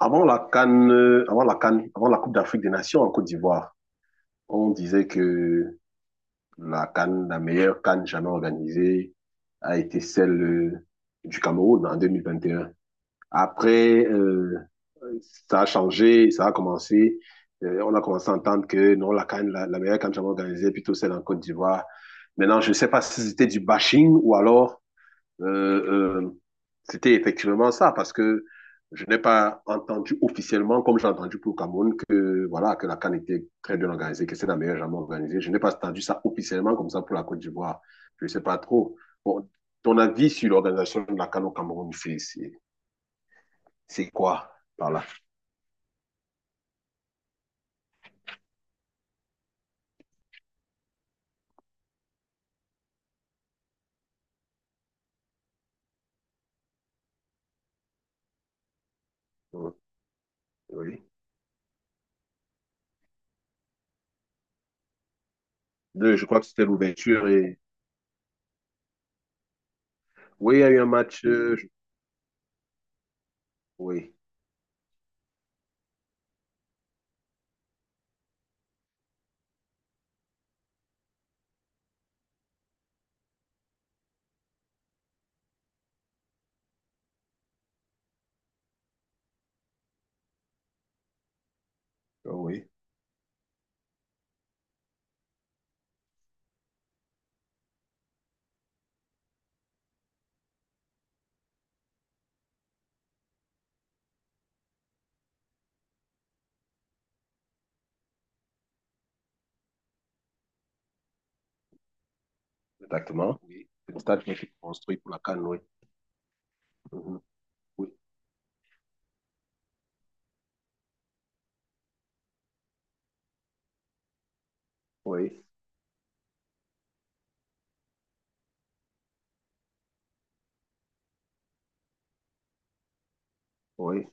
Avant la Coupe d'Afrique des Nations en Côte d'Ivoire, on disait que la CAN, la meilleure CAN jamais organisée, a été celle du Cameroun en 2021. Après, ça a changé, ça a commencé. On a commencé à entendre que non, la CAN, la meilleure CAN jamais organisée, plutôt celle en Côte d'Ivoire. Maintenant, je ne sais pas si c'était du bashing ou alors euh, euh, c'était effectivement ça, parce que je n'ai pas entendu officiellement, comme j'ai entendu pour Cameroun, que voilà que la CAN était très bien organisée, que c'est la meilleure jamais organisée. Je n'ai pas entendu ça officiellement comme ça pour la Côte d'Ivoire. Je ne sais pas trop. Bon, ton avis sur l'organisation de la CAN au Cameroun, c'est quoi par là? Oui. Deux, je crois que c'était l'ouverture et oui, il y a eu un match. Oui. Oh, oui, exactement. Oui. C'est le stade qui a été construit pour la CAN, oui. Mhm. Oui, oui, oui.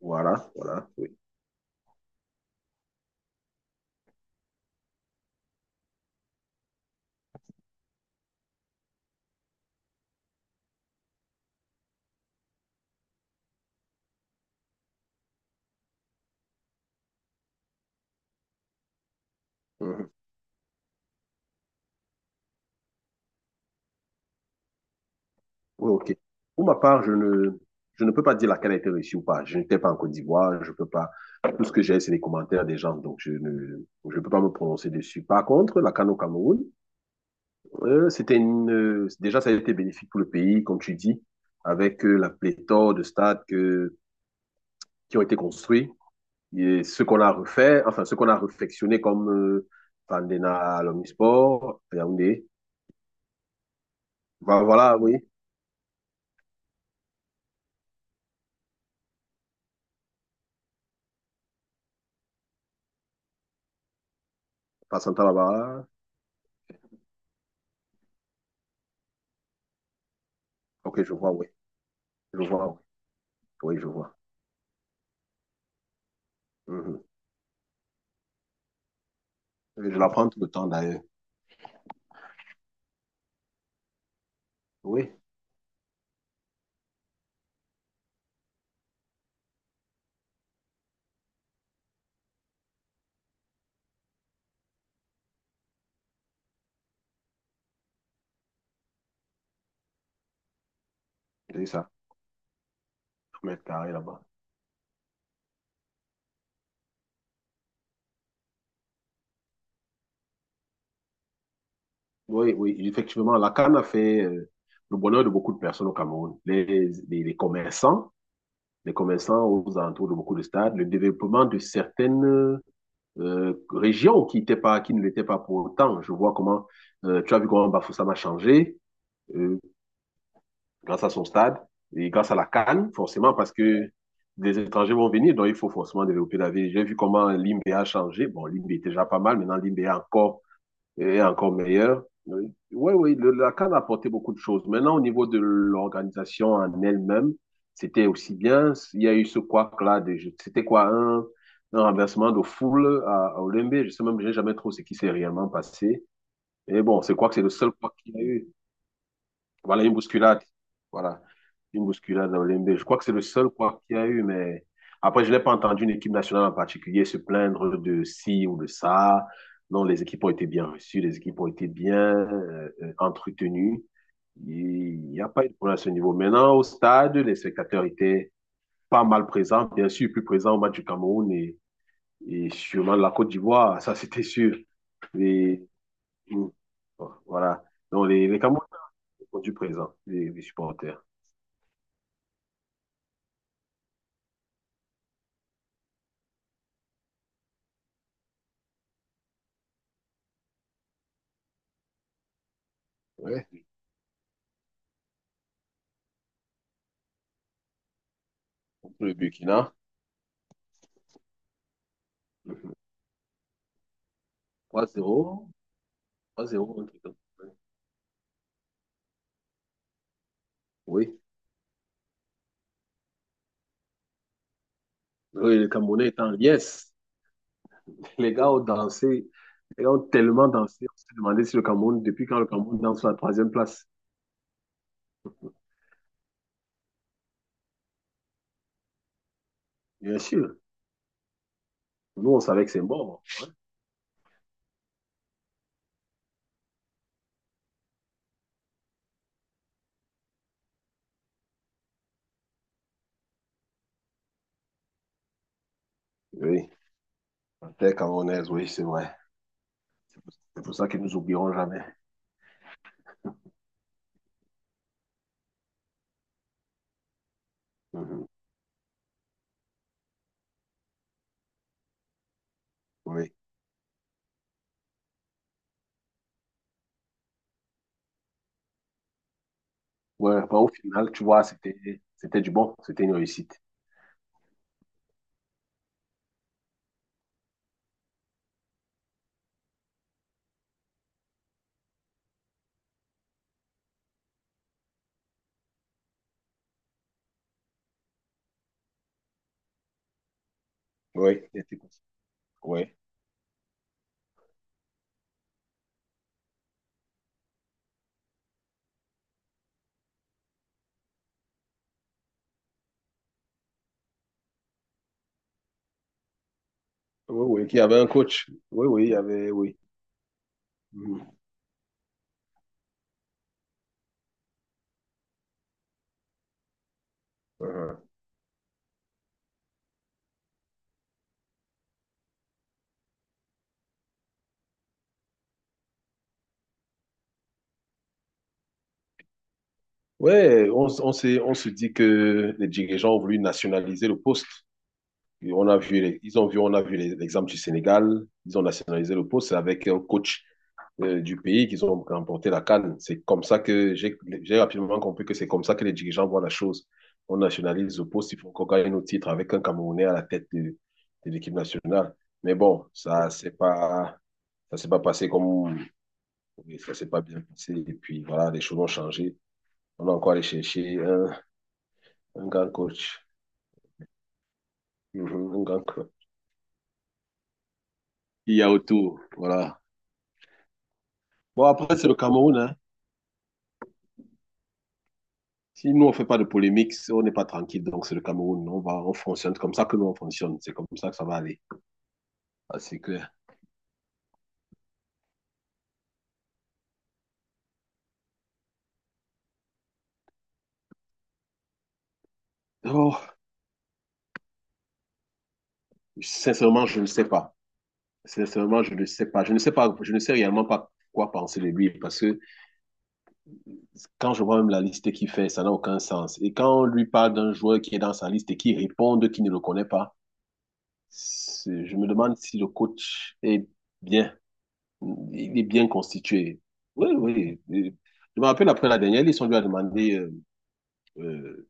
Voilà, voilà, oui. Mhm. Oui, ok. Pour ma part, je ne peux pas dire laquelle a été réussie ou pas. Je n'étais pas en Côte d'Ivoire, je peux pas. Tout ce que j'ai, c'est les commentaires des gens, donc je peux pas me prononcer dessus. Par contre, la CAN au Cameroun, c'était déjà, ça a été bénéfique pour le pays, comme tu dis, avec la pléthore de stades qui ont été construits et ce qu'on a refait, enfin, ce qu'on a réfectionné comme Fandena à l'Omnisport, Yaoundé. Bah, voilà, oui, Passanta Barbara. Ok, je vois, oui. Je vois, oui, oui, je vois. Mhm. Je la prends tout le temps d'ailleurs. Oui, j'ai ça, 30 mètres carrés là-bas. Oui, oui, effectivement, la canne a fait le bonheur de beaucoup de personnes au Cameroun. Les, les commerçants, les commerçants aux alentours de beaucoup de stades, le développement de certaines régions qui ne l'étaient pas pour autant. Tu as vu comment Bafoussam a changé. Euh, Grâce à son stade et grâce à la can forcément, parce que des étrangers vont venir, donc il faut forcément développer la ville. J'ai vu comment Limbe a changé. Bon, Limbe était déjà pas mal, maintenant Limbe est encore meilleur. Oui, oui, la can a apporté beaucoup de choses. Maintenant, au niveau de l'organisation en elle-même, c'était aussi bien. Il y a eu ce couac-là, c'était quoi, un renversement de foule à Olymbe. Je sais même, j'ai jamais trop ce qui s'est réellement passé. Et bon, c'est quoi que c'est le seul quoi qu'il y a eu. Voilà, une bousculade. Voilà, une bousculade dans l'NB. Je crois que c'est le seul quoi qu'il y a eu, mais après, je n'ai pas entendu une équipe nationale en particulier se plaindre de ci ou de ça. Non, les équipes ont été bien reçues, les équipes ont été bien entretenues. Il n'y a pas eu de problème à ce niveau. Maintenant, au stade, les spectateurs étaient pas mal présents, bien sûr, plus présents au match du Cameroun et sûrement de la Côte d'Ivoire, ça c'était sûr. Et, mm, voilà. Donc, les Camerounais du présent des supporters. Ouais. Le Burkina, trois zéro, trois zéro. Oui. Oui, le Camerounais est en liesse. Les gars ont dansé, les gars ont tellement dansé, on s'est demandé si le Cameroun, depuis quand le Cameroun danse sur la troisième place. Bien sûr. Nous, on savait que c'est mort. Ouais. Oui, la terre camerounaise, oui, c'est vrai. C'est pour ça qu'ils nous oublieront jamais. Mhm. Oui. Ouais, bah, au final, tu vois, c'était du bon, c'était une réussite. Oui, il était coach. Ouais. Oui, oui, qui avait un coach. Oui, oui, il y avait, oui. Mhm. Uh-huh. Ouais, on, s- on s'est- on se dit que les dirigeants ont voulu nationaliser le poste. On a vu l'exemple du Sénégal. Ils ont nationalisé le poste. C'est avec un coach du pays qu'ils ont remporté la CAN. C'est comme ça que j'ai rapidement compris que c'est comme ça que les dirigeants voient la chose. On nationalise le poste, il faut qu'on gagne nos titres avec un Camerounais à la tête de l'équipe nationale. Mais bon, ça c'est pas ça s'est pas passé comme ça s'est pas bien passé. Et puis voilà, les choses ont changé. On a encore allé chercher un grand coach, Mhm, un grand coach. Il y a autour, voilà. Bon, après, c'est le Cameroun, hein. Si nous, on fait pas de polémique, si on n'est pas tranquille. Donc, c'est le Cameroun. On fonctionne comme ça que nous, on fonctionne. C'est comme ça que ça va aller. Ah, c'est clair. Oh, sincèrement, je ne sais pas. Sincèrement, je ne sais pas. Je ne sais pas. Je ne sais réellement pas quoi penser de lui parce que quand je vois même la liste qu'il fait, ça n'a aucun sens. Et quand on lui parle d'un joueur qui est dans sa liste et qui répond qu'il ne le connaît pas, je me demande si le coach est bien. Il est bien constitué. Oui, oui. Et je me rappelle après la dernière liste, on lui a demandé, euh,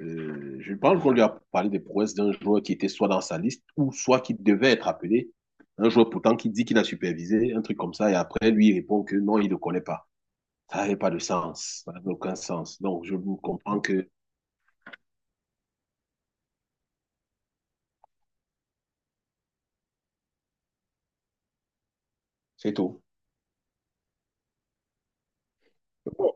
je pense qu'on lui a parlé des prouesses d'un joueur qui était soit dans sa liste ou soit qui devait être appelé. Un joueur pourtant qui dit qu'il a supervisé, un truc comme ça, et après lui il répond que non, il ne le connaît pas. Ça n'avait pas de sens, ça n'avait aucun sens. Donc je vous comprends que c'est tout. Bon,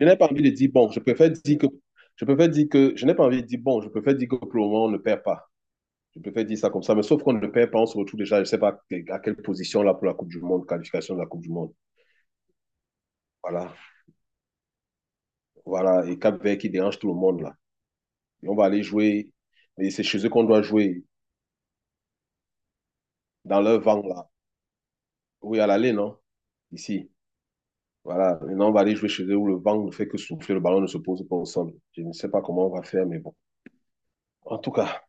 je n'ai pas envie de dire bon, je préfère dire que je n'ai pas envie de dire bon, je préfère dire que pour le moment on ne perd pas. Je préfère dire ça comme ça, mais sauf qu'on ne perd pas, on se retrouve déjà, je ne sais pas à quelle position là pour la Coupe du Monde, qualification de la Coupe du Monde. Voilà, voilà. Et Cap Vert qui dérange tout le monde là. Et on va aller jouer, et c'est chez eux qu'on doit jouer, dans leur vent là. Oui, à l'aller, non. Ici. Voilà, maintenant on va aller jouer chez eux où le vent ne fait que souffler, le ballon ne se pose pas au sol. Je ne sais pas comment on va faire, mais bon. En tout cas,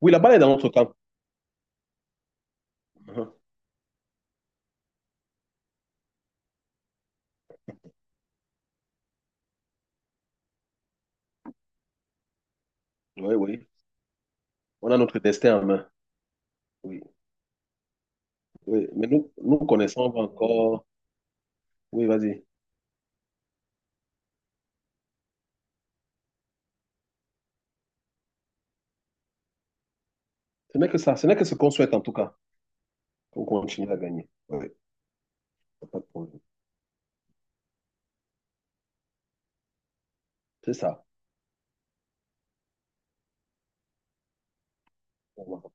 oui, la balle est dans notre camp. Uh-huh. Oui, oui. On a notre destin en main. Oui, oui. Mais nous, nous connaissons encore. Oui, vas-y. Ce n'est que ça. Ce n'est que ce qu'on souhaite en tout cas, pour continuer à gagner. Ouais, pas de problème. C'est ça. Ouais,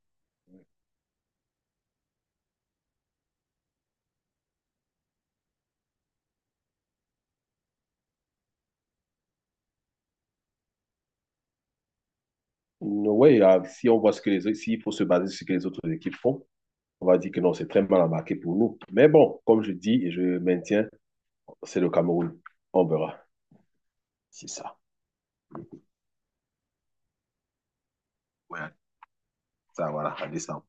si on voit ce que les autres, s'il faut se baser sur ce que les autres équipes font, on va dire que non, c'est très mal embarqué pour nous. Mais bon, comme je dis et je maintiens, c'est le Cameroun. On verra. C'est ça. Ouais, ça, voilà, à décembre.